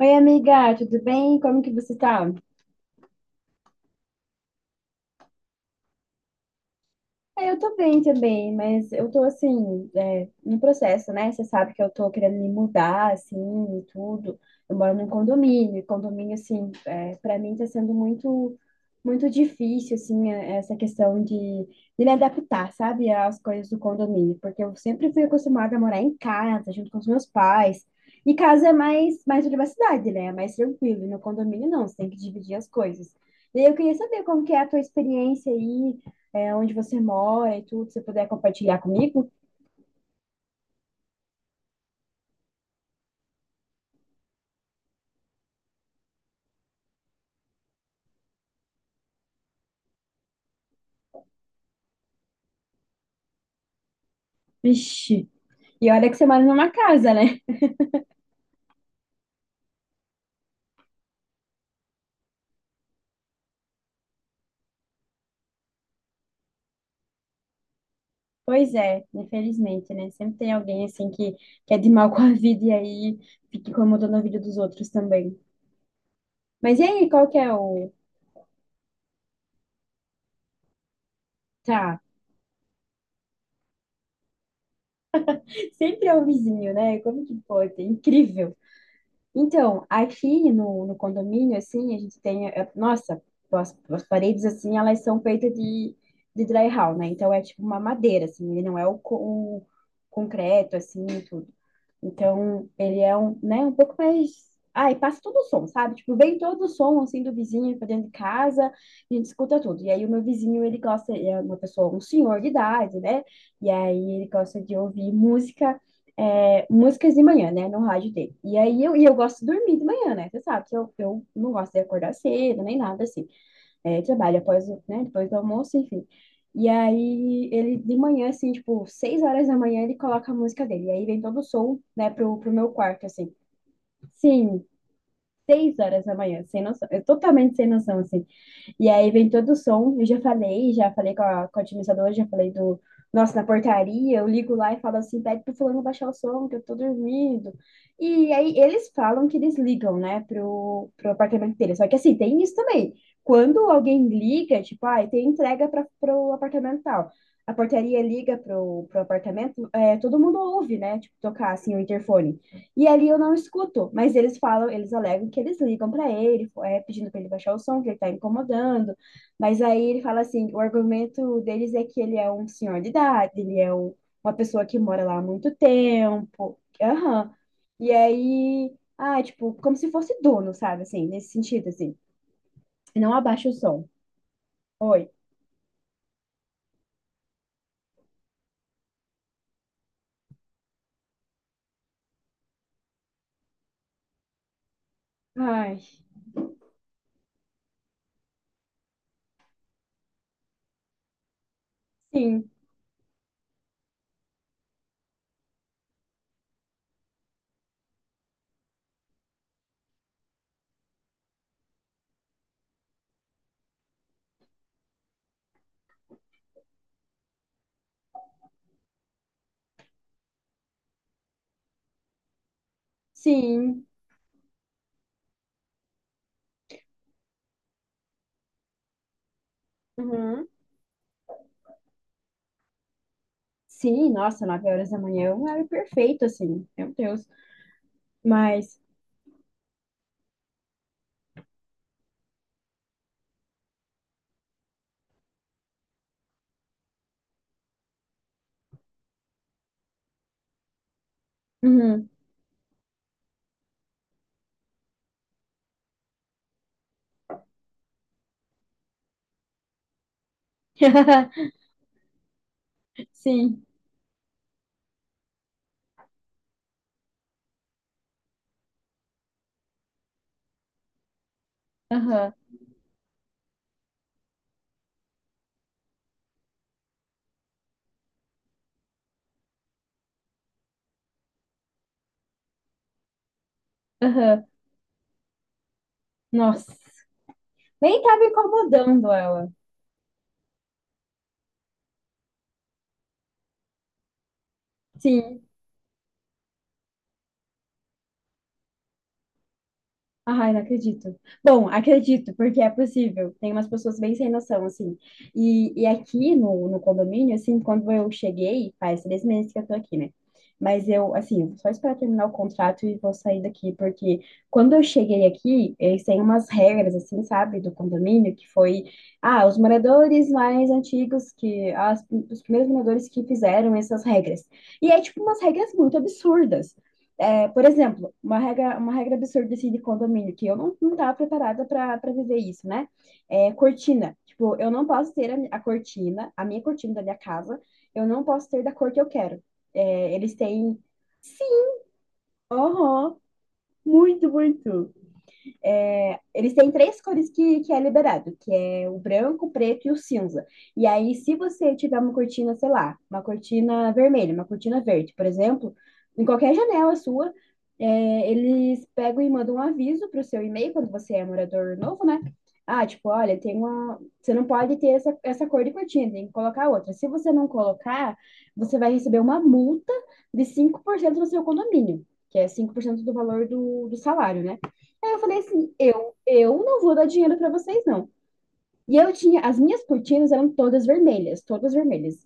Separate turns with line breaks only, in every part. Oi, amiga, tudo bem? Como que você tá? Eu tô bem também, mas eu tô assim, no processo, né? Você sabe que eu tô querendo me mudar, assim, e tudo. Eu moro num condomínio, e condomínio, assim, para mim tá sendo muito, muito difícil, assim, essa questão de, me adaptar, sabe, às coisas do condomínio, porque eu sempre fui acostumada a morar em casa, junto com os meus pais. E casa é mais, mais privacidade, né? É mais tranquilo. E no condomínio, não, você tem que dividir as coisas. E aí eu queria saber como que é a tua experiência aí, onde você mora e tudo, se você puder compartilhar comigo? Vixe, e olha que você mora numa casa, né? Pois é, infelizmente, né? Sempre tem alguém assim que é de mal com a vida e aí fica incomodando a vida dos outros também. Mas e aí, qual que é o. Tá, sempre é o vizinho, né? Como que pode? É incrível. Então, aqui no condomínio, assim, a gente tem, nossa, as paredes, assim, elas são feitas de drywall, né? Então, é tipo uma madeira, assim, ele não é o concreto, assim, tudo. Então, ele é um, né, um pouco mais. Ah, e passa todo o som, sabe? Tipo, vem todo o som, assim, do vizinho pra dentro de casa, a gente escuta tudo. E aí, o meu vizinho, ele gosta, ele é uma pessoa, um senhor de idade, né? E aí, ele gosta de ouvir música, músicas de manhã, né, no rádio dele. E aí, eu gosto de dormir de manhã, né? Você sabe que eu não gosto de acordar cedo, nem nada assim, trabalho após, né, depois do almoço, enfim. E aí ele de manhã, assim, tipo, 6 horas da manhã, ele coloca a música dele. E aí vem todo o som, né, pro meu quarto, assim. Sim, 6 horas da manhã, sem noção. Eu totalmente sem noção, assim. E aí vem todo o som. Eu já falei com a administradora, já falei do. Nossa, na portaria, eu ligo lá e falo assim: pede pro fulano baixar o som, que eu tô dormindo. E aí eles falam que eles ligam, né, pro apartamento dele. Só que assim, tem isso também. Quando alguém liga, tipo, ah, tem entrega para pro apartamento tal. A portaria liga pro apartamento, todo mundo ouve, né, tipo, tocar assim o interfone. E ali eu não escuto, mas eles falam, eles alegam que eles ligam para ele, pedindo para ele baixar o som, que ele está incomodando. Mas aí ele fala assim, o argumento deles é que ele é um senhor de idade, ele é uma pessoa que mora lá há muito tempo. Aham. E aí, ah, tipo, como se fosse dono, sabe, assim, nesse sentido, assim. Não abaixa o som. Oi. Ai, sim, sim. Uhum. Sim, nossa, 9 horas da manhã é um horário perfeito, assim, meu Deus. Mas. Uhum. Sim. Aham. Aham. Nossa. Nem tava incomodando ela. Sim. Ai, não acredito. Bom, acredito, porque é possível. Tem umas pessoas bem sem noção, assim. E aqui no condomínio, assim, quando eu cheguei, faz 3 meses que eu tô aqui, né? Mas eu, assim, vou só esperar terminar o contrato e vou sair daqui, porque quando eu cheguei aqui, eles têm umas regras, assim, sabe, do condomínio, que foi, ah, os moradores mais antigos, que os primeiros moradores que fizeram essas regras. E é, tipo, umas regras muito absurdas. É, por exemplo, uma regra absurda assim, de condomínio, que eu não estava preparada para viver isso, né? É cortina. Tipo, eu não posso ter a cortina, a minha cortina da minha casa, eu não posso ter da cor que eu quero. É, eles têm. Aham, muito, muito. É, eles têm três cores que é liberado, que é o branco, o preto e o cinza. E aí, se você tiver uma cortina, sei lá, uma cortina vermelha, uma cortina verde, por exemplo, em qualquer janela sua, eles pegam e mandam um aviso para o seu e-mail, quando você é morador novo, né? Ah, tipo, olha, tem uma. Você não pode ter essa cor de cortina, tem que colocar outra. Se você não colocar, você vai receber uma multa de 5% do seu condomínio, que é 5% do valor do salário, né? Aí eu falei assim, eu não vou dar dinheiro pra vocês, não. E eu tinha, as minhas cortinas eram todas vermelhas,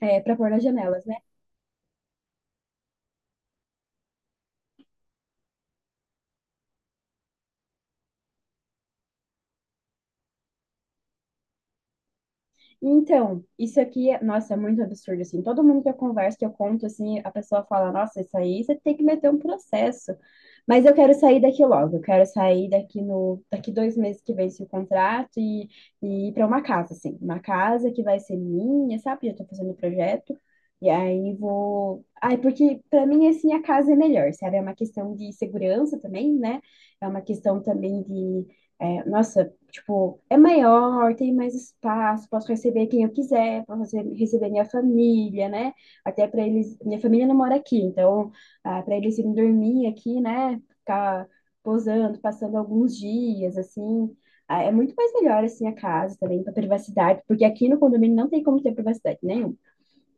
para pôr nas janelas, né? Então, isso aqui, nossa, é muito absurdo, assim. Todo mundo que eu converso, que eu conto, assim, a pessoa fala, nossa, isso aí você tem que meter um processo. Mas eu quero sair daqui logo, eu quero sair daqui no, daqui 2 meses que vence o contrato e ir para uma casa, assim. Uma casa que vai ser minha, sabe? Eu tô fazendo o projeto. E aí vou. Ai, porque para mim, assim, a casa é melhor, sabe? É uma questão de segurança também, né? É uma questão também de. Nossa, tipo, é maior, tem mais espaço, posso receber quem eu quiser, posso receber minha família, né? Até para eles, minha família não mora aqui, então, para eles irem dormir aqui, né? Ficar posando, passando alguns dias, assim. Ah, é muito mais melhor, assim, a casa também, para privacidade, porque aqui no condomínio não tem como ter privacidade nenhuma.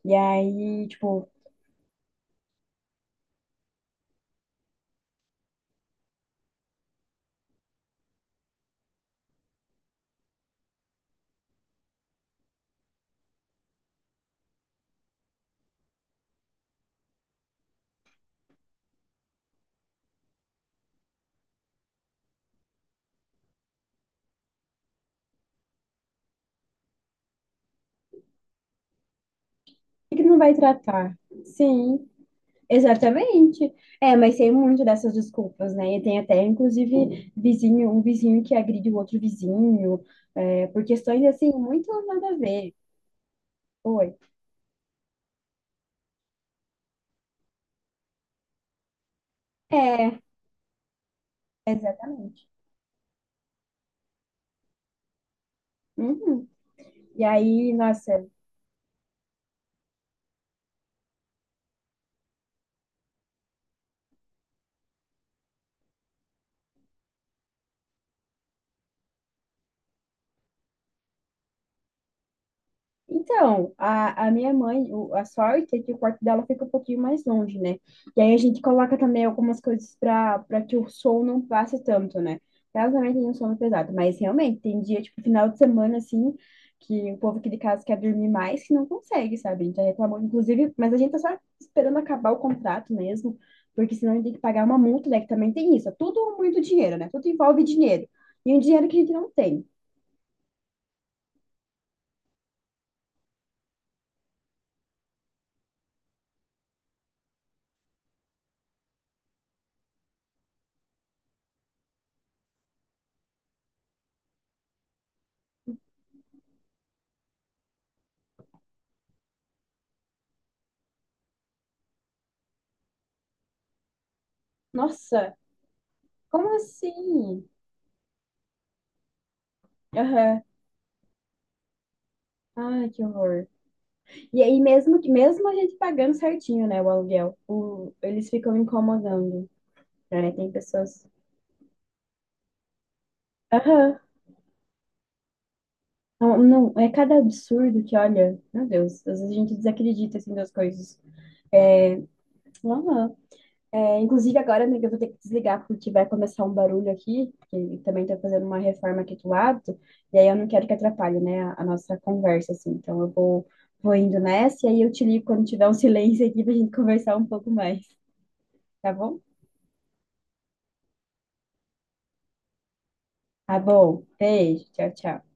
E aí, tipo, por que que não vai tratar? Sim, exatamente. É, mas tem muito dessas desculpas, né? E tem até, inclusive, vizinho, um vizinho que agride o outro vizinho, por questões assim, muito nada a ver. Oi. É, exatamente. Uhum. E aí, nossa, então, a minha mãe, a sorte é que o quarto dela fica um pouquinho mais longe, né? E aí a gente coloca também algumas coisas para que o som não passe tanto, né? Ela também tem um sono pesado, mas realmente tem dia, tipo, final de semana, assim, que o povo aqui de casa quer dormir mais que não consegue, sabe? A gente já reclamou, inclusive, mas a gente tá só esperando acabar o contrato mesmo, porque senão a gente tem que pagar uma multa, né? Que também tem isso. É tudo muito dinheiro, né? Tudo envolve dinheiro. E um dinheiro que a gente não tem. Nossa, como assim? Aham. Ai, que horror. E aí, mesmo, mesmo a gente pagando certinho, né, o aluguel, o, eles ficam incomodando, né? Tem pessoas. Aham. Não, não, é cada absurdo que, olha, meu Deus, às vezes a gente desacredita, assim, das coisas. É, aham. É, inclusive, agora, amiga, eu vou ter que desligar porque vai começar um barulho aqui, que também tá fazendo uma reforma aqui do lado, e aí eu não quero que atrapalhe, né, a nossa conversa, assim. Então, vou indo nessa, e aí eu te ligo quando tiver um silêncio aqui pra gente conversar um pouco mais, tá bom? Tá bom. Beijo. Tchau, tchau.